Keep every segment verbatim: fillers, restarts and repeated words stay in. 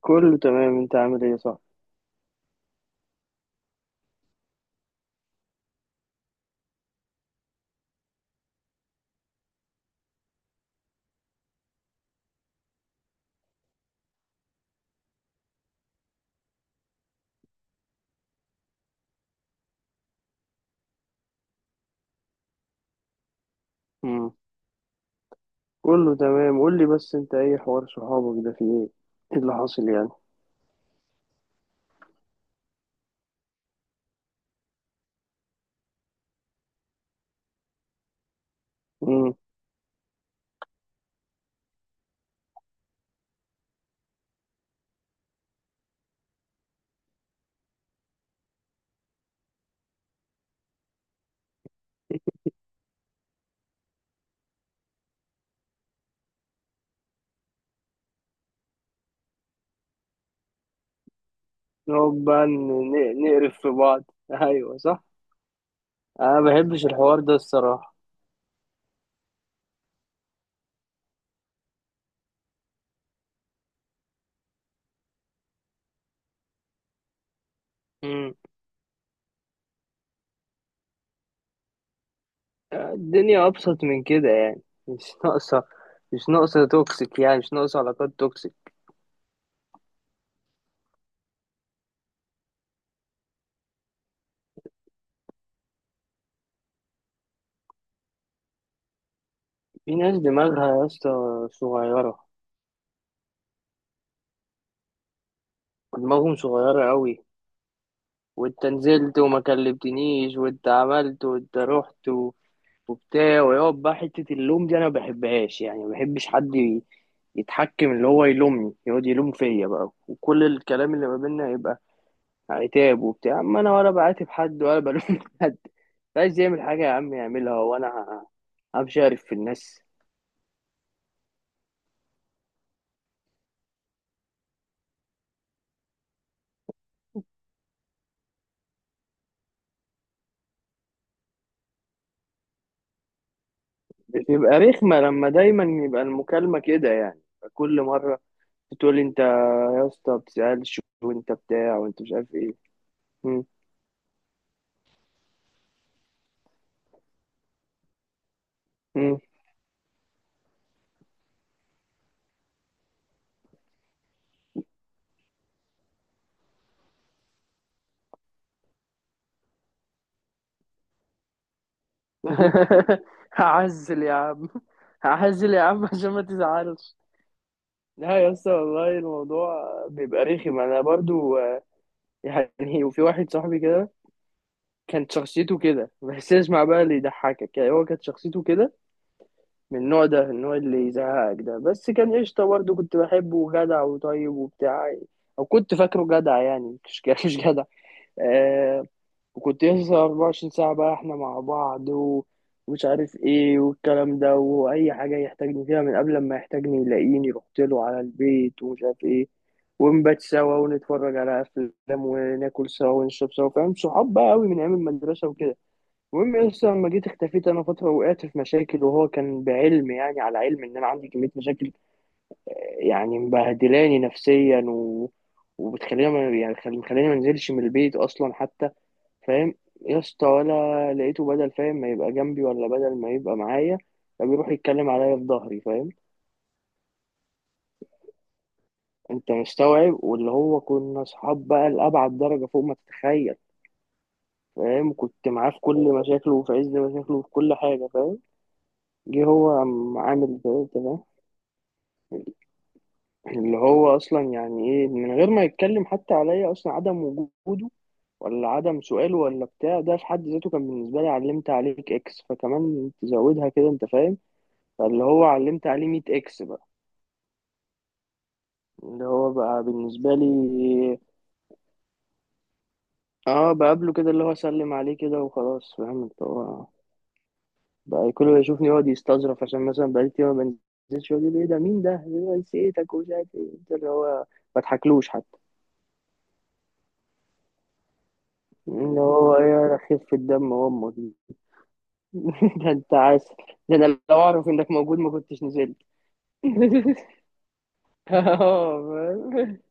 كله تمام، انت عامل ايه؟ صح. مم. كله تمام. قول لي بس انت ايه حوار صحابك ده؟ في ايه؟ ايه اللي حاصل يعني؟ مم. نقعد بقى ن- ن- نقرف في بعض. ايوه صح. انا ما بحبش الحوار ده الصراحة. مم. الدنيا ابسط من كده يعني. مش ناقصة، مش ناقصة توكسيك، يعني مش ناقصة علاقات توكسيك. في ناس دماغها يا اسطى صغيرة، دماغهم صغيرة قوي. وانت نزلت وما كلمتنيش، وانت عملت، وانت رحت وبتاع، ويقعد بقى حتة اللوم دي أنا ما بحبهاش. يعني ما بحبش حد ي- يتحكم، اللي هو يلومني، يقعد يلوم فيا بقى، وكل الكلام اللي ما بيننا يبقى عتاب وبتاع. أما أنا ولا بعاتب حد ولا بلوم حد. عايز يعمل حاجة يا عم يعملها، وأنا ه- همشي، أعرف في الناس. بتبقى رخمة لما دايما يبقى المكالمة كده يعني، كل مرة بتقول: أنت يا اسطى ما بتسألش، وأنت بتاع، وأنت مش عارف إيه. م- م. هعزل يا عم، هعزل يا عم عشان ما تزعلش. لا يا اسطى، والله الموضوع بيبقى رخم. انا برضو آه، يعني، وفي واحد صاحبي كده كانت شخصيته كده. بس اسمع بقى اللي يضحكك، يعني هو كانت شخصيته كده، من النوع ده، النوع اللي يزهقك ده. بس كان قشطة برضو، كنت بحبه وجدع وطيب وبتاع، او كنت فاكره جدع يعني، مش مش جدع آه،. وكنت يسطا اربعة وعشرين ساعة بقى احنا مع بعض، و- ومش عارف ايه، والكلام ده. وأي حاجة يحتاجني فيها، من قبل ما يحتاجني يلاقيني رحت له على البيت ومش عارف ايه، ونبات سوا، ونتفرج على أفلام، وناكل سوا، ونشرب سوا. فاهم؟ صحاب بقى قوي من أيام المدرسة وكده. المهم يسطا لما جيت اختفيت أنا فترة، وقعت في مشاكل، وهو كان بعلم، يعني على علم إن أنا عندي كمية مشاكل، يعني مبهدلاني نفسيا و... وبتخليني ما، يعني خل- مخليني ما انزلش من البيت اصلا حتى. فاهم يا اسطى؟ ولا لقيته، بدل فاهم ما يبقى جنبي، ولا بدل ما يبقى معايا، ده بيروح يتكلم عليا في ظهري. فاهم؟ انت مستوعب؟ واللي هو كنا اصحاب بقى لأبعد درجة فوق ما تتخيل. فاهم؟ كنت معاه في كل مشاكله، وفي عز مشاكله، وفي كل حاجة. فاهم؟ جه هو عم عامل كده. تمام. اللي هو اصلا يعني ايه، من غير ما يتكلم حتى عليا اصلا، عدم وجوده ولا عدم سؤاله ولا بتاع ده في حد ذاته كان بالنسبة لي علمت عليك اكس، فكمان تزودها كده انت؟ فاهم؟ فاللي هو علمت عليه مية اكس بقى، اللي هو بقى بالنسبة لي. اه بقابله كده اللي هو اسلم عليه كده وخلاص. فاهم؟ انت هو بقى، كل ما يشوفني يقعد يستظرف، عشان مثلا بقالي كتير ما بنزلش، يقول لي ايه ده؟ مين ده؟ اللي هو نسيتك ومش عارف ايه أنت، اللي هو ما تضحكلوش حتى. اللي هو يا خف الدم وامه دي ده انت عسل، ده انا لو اعرف انك موجود ما كنتش نزلت. اه. فاهم؟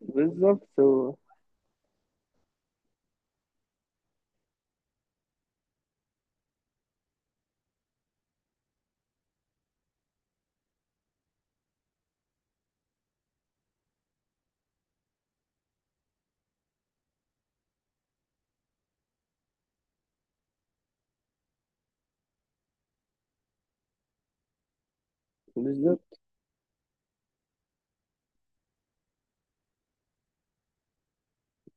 بالظبط هو- بالظبط.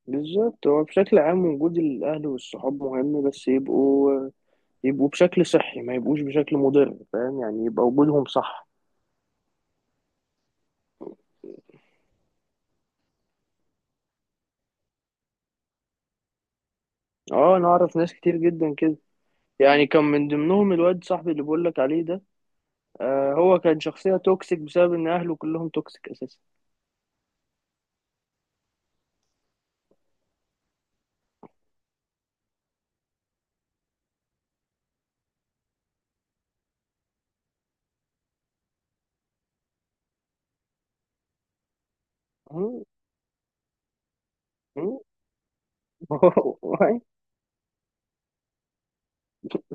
بالظبط، هو بشكل عام وجود الأهل والصحاب مهم، بس يبقوا، يبقوا بشكل صحي، ما يبقوش بشكل مضر. فاهم؟ يعني يبقى وجودهم صح. اه، انا اعرف ناس كتير جدا كده، يعني كان من ضمنهم الواد صاحبي اللي بقول لك عليه ده. آه، هو كان شخصية توكسيك بسبب ان اهله كلهم توكسيك اساسا. مم. مم.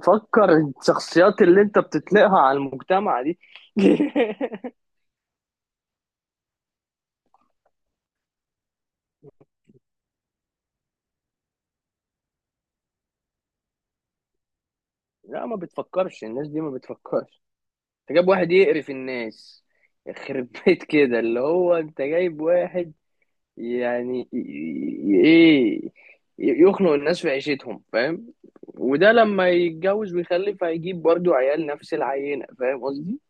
فكر الشخصيات اللي انت بتطلقها على المجتمع دي. لا، ما بتفكرش الناس دي، ما بتفكرش. جاب واحد يقرف في الناس، يخرب بيت كده، اللي هو انت جايب واحد يعني ي- ي- ايه، ي- يخنق الناس في عيشتهم. فاهم؟ وده لما يتجوز ويخلف هيجيب برضو عيال نفس العينة، فاهم قصدي؟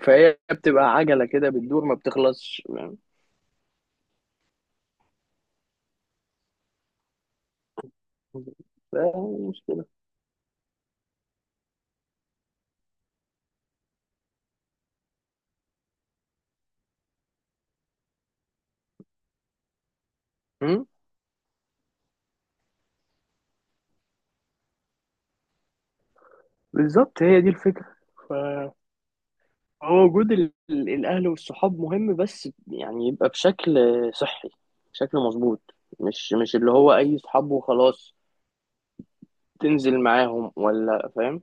فهي بتبقى عجلة كده بتدور ما بتخلصش. فاهم؟ مشكلة. هم؟ بالظبط، هي دي الفكرة. ف، هو وجود ال- الأهل والصحاب مهم، بس يعني يبقى بشكل صحي، بشكل مظبوط، مش مش اللي هو أي صحاب وخلاص تنزل معاهم ولا. فاهم؟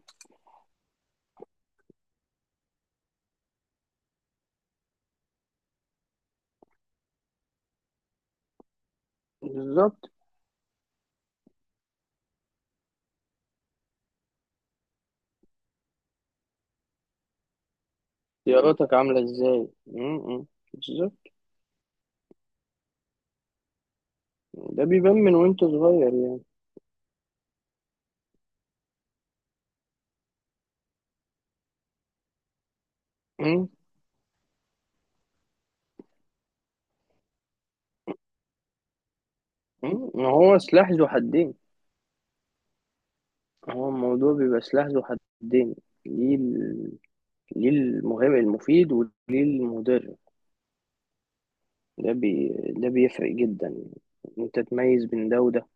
بالظبط. اختياراتك عاملة ازاي؟ م- م. بالظبط. ده بيبان من وانت صغير يعني. م- م. ما هو سلاح ذو حدين، هو الموضوع بيبقى سلاح ذو حدين. ليه ال- ليه المهم المفيد وليه المضر؟ ده بي... ده بيفرق جدا ان انت تميز بين ده وده.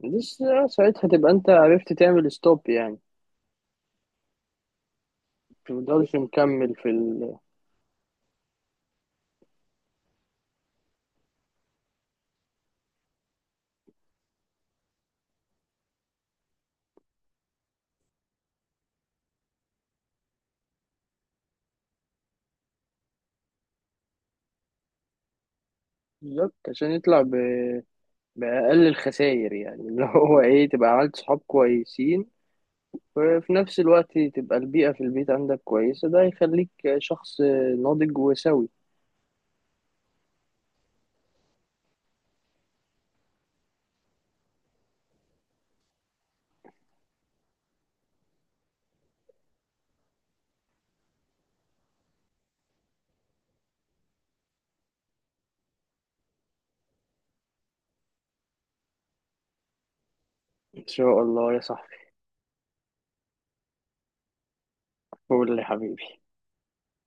بس ساعتها تبقى انت عرفت تعمل ستوب، يعني متفضلش مكمل في ال... بالظبط، عشان يطلع ب... بأقل الخسائر، يعني اللي هو ايه، تبقى عملت صحاب كويسين، وفي نفس الوقت تبقى البيئة في البيت عندك كويسة، ده يخليك شخص ناضج وسوي. ان شاء الله يا صاحبي. قول لي حبيبي.